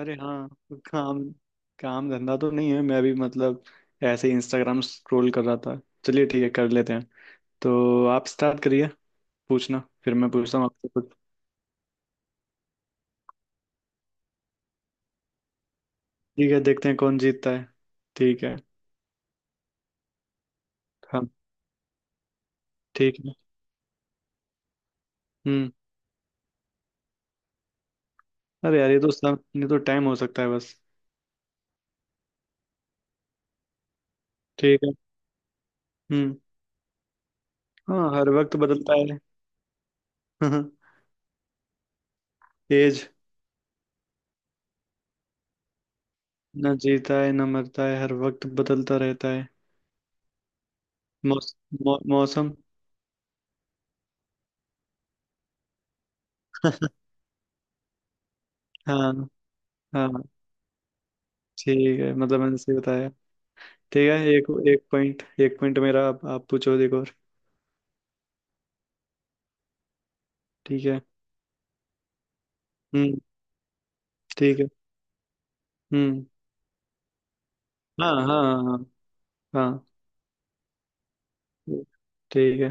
अरे हाँ। काम काम धंधा तो नहीं है। मैं भी मतलब ऐसे ही इंस्टाग्राम स्क्रॉल कर रहा था। चलिए ठीक है, कर लेते हैं। तो आप स्टार्ट करिए पूछना, फिर मैं पूछता हूँ आपसे कुछ। ठीक है, देखते हैं कौन जीतता है। ठीक है। हम। ठीक है। हम्म। अरे यार, ये तो टाइम हो सकता है बस। ठीक है। हम्म। हाँ, हर वक्त बदलता है। एज। ना जीता है ना मरता है, हर वक्त बदलता रहता है। मौस, मौसम। हाँ हाँ। ठीक है, मतलब मैंने सही बताया। ठीक है, एक एक पॉइंट, एक पॉइंट मेरा। आप पूछो एक और। ठीक है। हम्म। ठीक है। हम्म। हाँ हाँ हाँ हाँ। हाँ, ठीक है।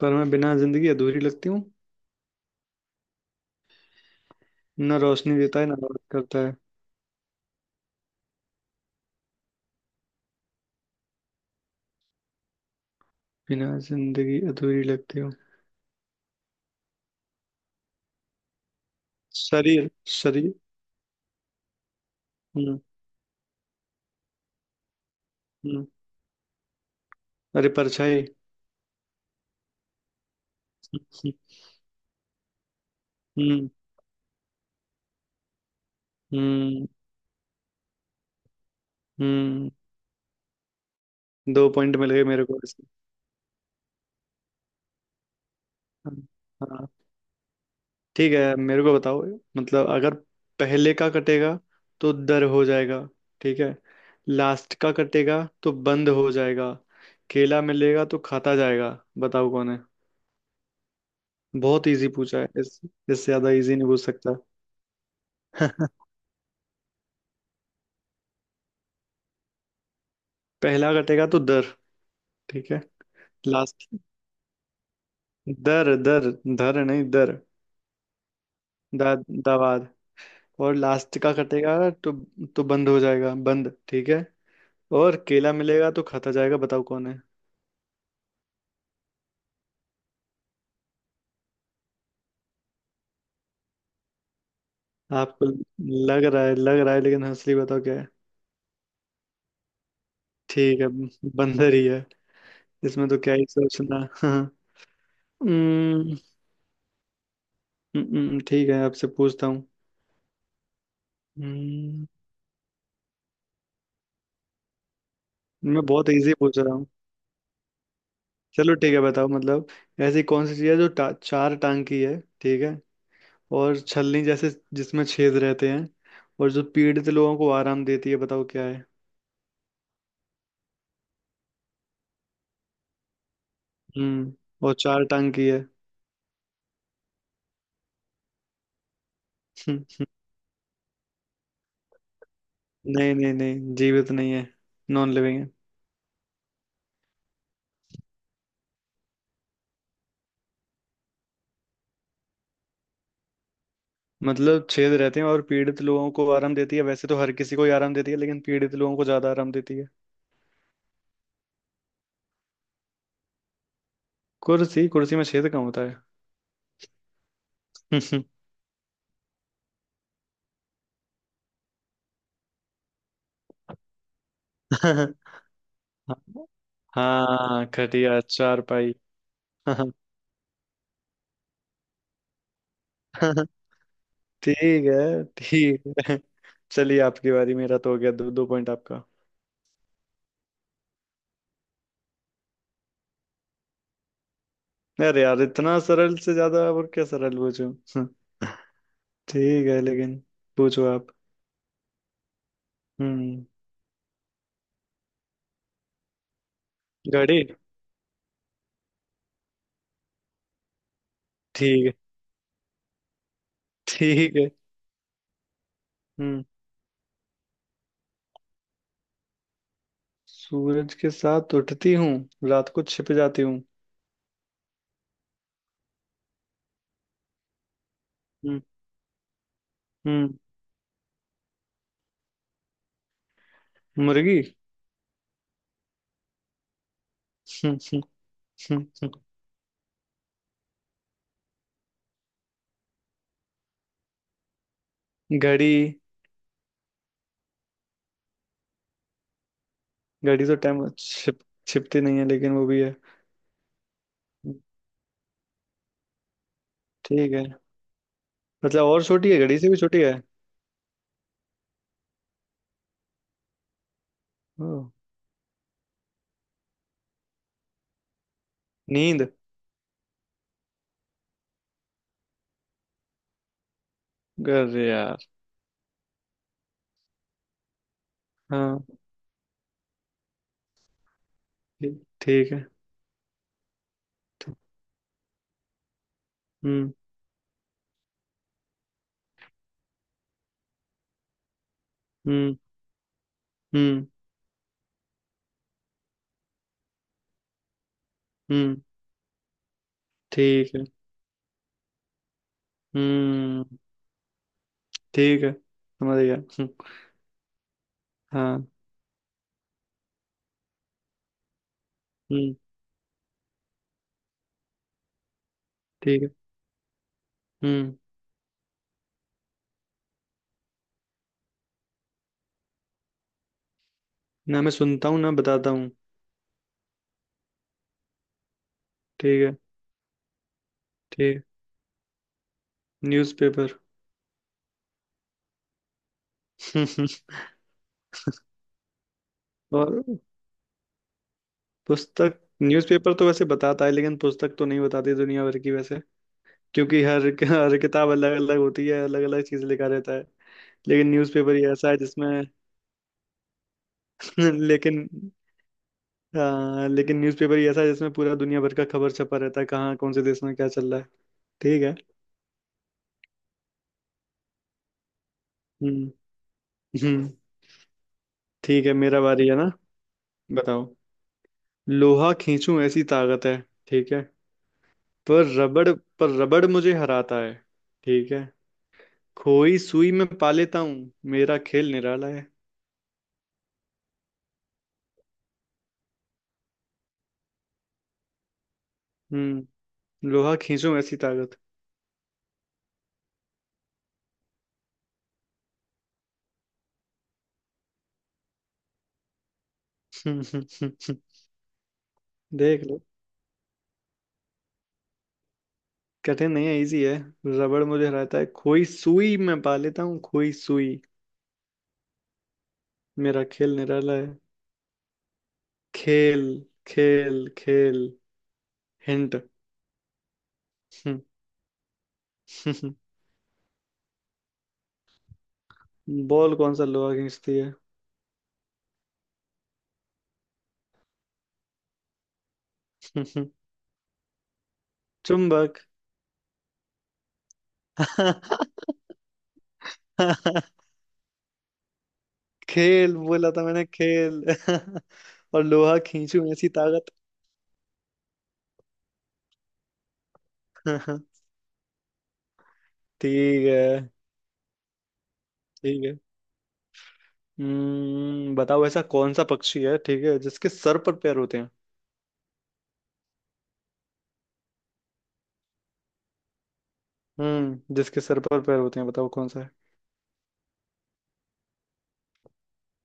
पर मैं बिना जिंदगी अधूरी लगती हूँ। ना रोशनी देता है ना रात करता है, बिना जिंदगी अधूरी लगती हूँ। शरीर शरीर। हम्म। हम्म। अरे परछाई। हम्म। हम्म। हम्म। हम्म। दो पॉइंट मिल गए मेरे को इसमें। हाँ हाँ। ठीक है, मेरे को बताओ। मतलब अगर पहले का कटेगा तो दर हो जाएगा, ठीक है। लास्ट का कटेगा तो बंद हो जाएगा। केला मिलेगा तो खाता जाएगा, बताओ कौन है। बहुत इजी पूछा है, इस इससे ज्यादा इजी नहीं पूछ सकता। पहला कटेगा तो दर, ठीक है। लास्ट। दर दर। धर नहीं, दर। दा। दावाद। और लास्ट का कटेगा तो बंद हो जाएगा, बंद। ठीक है। और केला मिलेगा तो खाता जाएगा, बताओ कौन है। आपको लग रहा है लग रहा है, लेकिन असली बताओ क्या है। ठीक है, बंदर ही है। इसमें तो क्या ही सोचना। हाँ। हम्म, ठीक है, आपसे पूछता हूँ। हम्म। मैं बहुत इजी पूछ रहा हूँ। चलो ठीक है, बताओ। मतलब ऐसी कौन सी चीज़ है जो टा, चार टांग की है, ठीक है, और छलनी जैसे जिसमें छेद रहते हैं, और जो पीड़ित लोगों को आराम देती है, बताओ क्या है। हम्म। और चार टांग की है। नहीं नहीं नहीं, जीवित नहीं है, नॉन लिविंग है। मतलब छेद रहते हैं और पीड़ित लोगों को आराम देती है, वैसे तो हर किसी को ही आराम देती है, लेकिन पीड़ित लोगों को ज्यादा आराम देती है। कुर्सी? कुर्सी में छेद कहाँ होता है। हाँ खटिया, चारपाई। ठीक है, ठीक है। चलिए आपकी बारी, मेरा तो हो गया, दो दो पॉइंट आपका। अरे यार, इतना सरल से ज्यादा और क्या सरल पूछूं। ठीक है लेकिन। पूछो आप। हम्म। घड़ी। ठीक है। ठीक है। हम्म। सूरज के साथ उठती हूँ, रात को छिप जाती हूँ। हम्म। हम्म, मुर्गी। हम्म, हम्म, हम्म, हम्म। घड़ी। घड़ी तो टाइम छिपती नहीं है, लेकिन वो भी है। ठीक है, मतलब और छोटी है, घड़ी से भी छोटी है। ओह। नींद। अरे यार। हाँ, ठीक ठीक है। हम्म। हम्म। हम्म। हम्म। ठीक है। हम्म। ठीक है, समझ गया। हाँ। हम्म। ठीक है। हम्म। ना मैं सुनता हूँ ना बताता हूँ। ठीक है। ठीक। न्यूज़पेपर। और पुस्तक। न्यूज़पेपर तो वैसे बताता है, लेकिन पुस्तक तो नहीं बताती दुनिया भर की वैसे। क्योंकि हर हर किताब अलग अलग होती है, अलग अलग चीज लिखा रहता है। लेकिन न्यूज़पेपर ही ऐसा है जिसमें। लेकिन। हाँ, लेकिन न्यूज़पेपर ही ऐसा है जिसमें पूरा दुनिया भर का खबर छपा रहता है, कहाँ कौन से देश में क्या चल रहा है। ठीक है। हम्म। हम्म। ठीक है, मेरा बारी है ना। बताओ, लोहा खींचूं ऐसी ताकत है, ठीक है, पर रबड़, पर रबड़ मुझे हराता है, ठीक है। खोई सुई में पा लेता हूँ, मेरा खेल निराला है। हम्म। लोहा खींचूं ऐसी ताकत। हम्म, देख लो। कठिन नहीं है, इजी है। रबड़ मुझे हराता है, खोई सुई में पा लेता हूँ, खोई सुई। मेरा खेल निराला है। खेल, खेल, खेल हिंट। बॉल? कौन सा लोहा खींचती है। हम्म। चुंबक। खेल बोला था मैंने, खेल। और लोहा खींचूं ऐसी ताकत। ठीक है। ठीक है। हम्म, बताओ ऐसा कौन सा पक्षी है, ठीक है, जिसके सर पर पैर होते हैं। हम्म, जिसके सर पर पैर होते हैं, बताओ कौन सा है।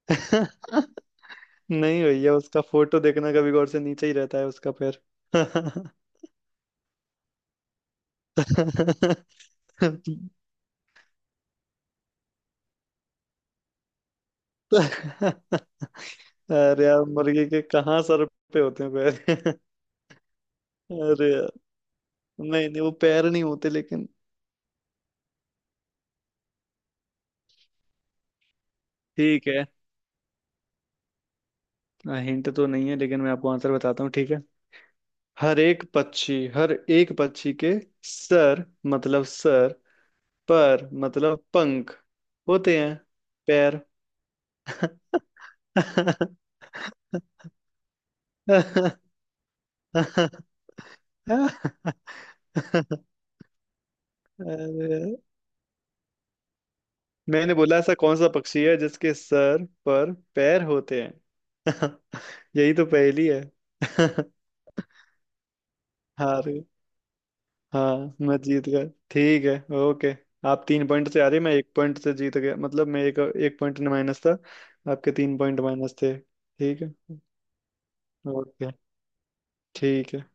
नहीं भैया, उसका फोटो देखना कभी गौर से, नीचे ही रहता है उसका पैर। अरे यार, मुर्गी के कहाँ सर पे होते हैं पैर। अरे यार, नहीं नहीं वो पैर नहीं होते लेकिन। ठीक है, हिंट तो नहीं है, लेकिन मैं आपको आंसर बताता हूँ, ठीक है। हर एक पक्षी के सर, मतलब सर पर मतलब पंख होते हैं, पैर। अरे, मैंने बोला ऐसा कौन सा पक्षी है जिसके सर पर पैर होते हैं। यही तो पहेली है। हार। हाँ, मैं जीत गया। ठीक है। ओके। आप तीन पॉइंट से आ रहे, मैं एक पॉइंट से जीत गया, मतलब मैं एक एक पॉइंट माइनस था, आपके तीन पॉइंट माइनस थे, ठीक है। ओके। ठीक है।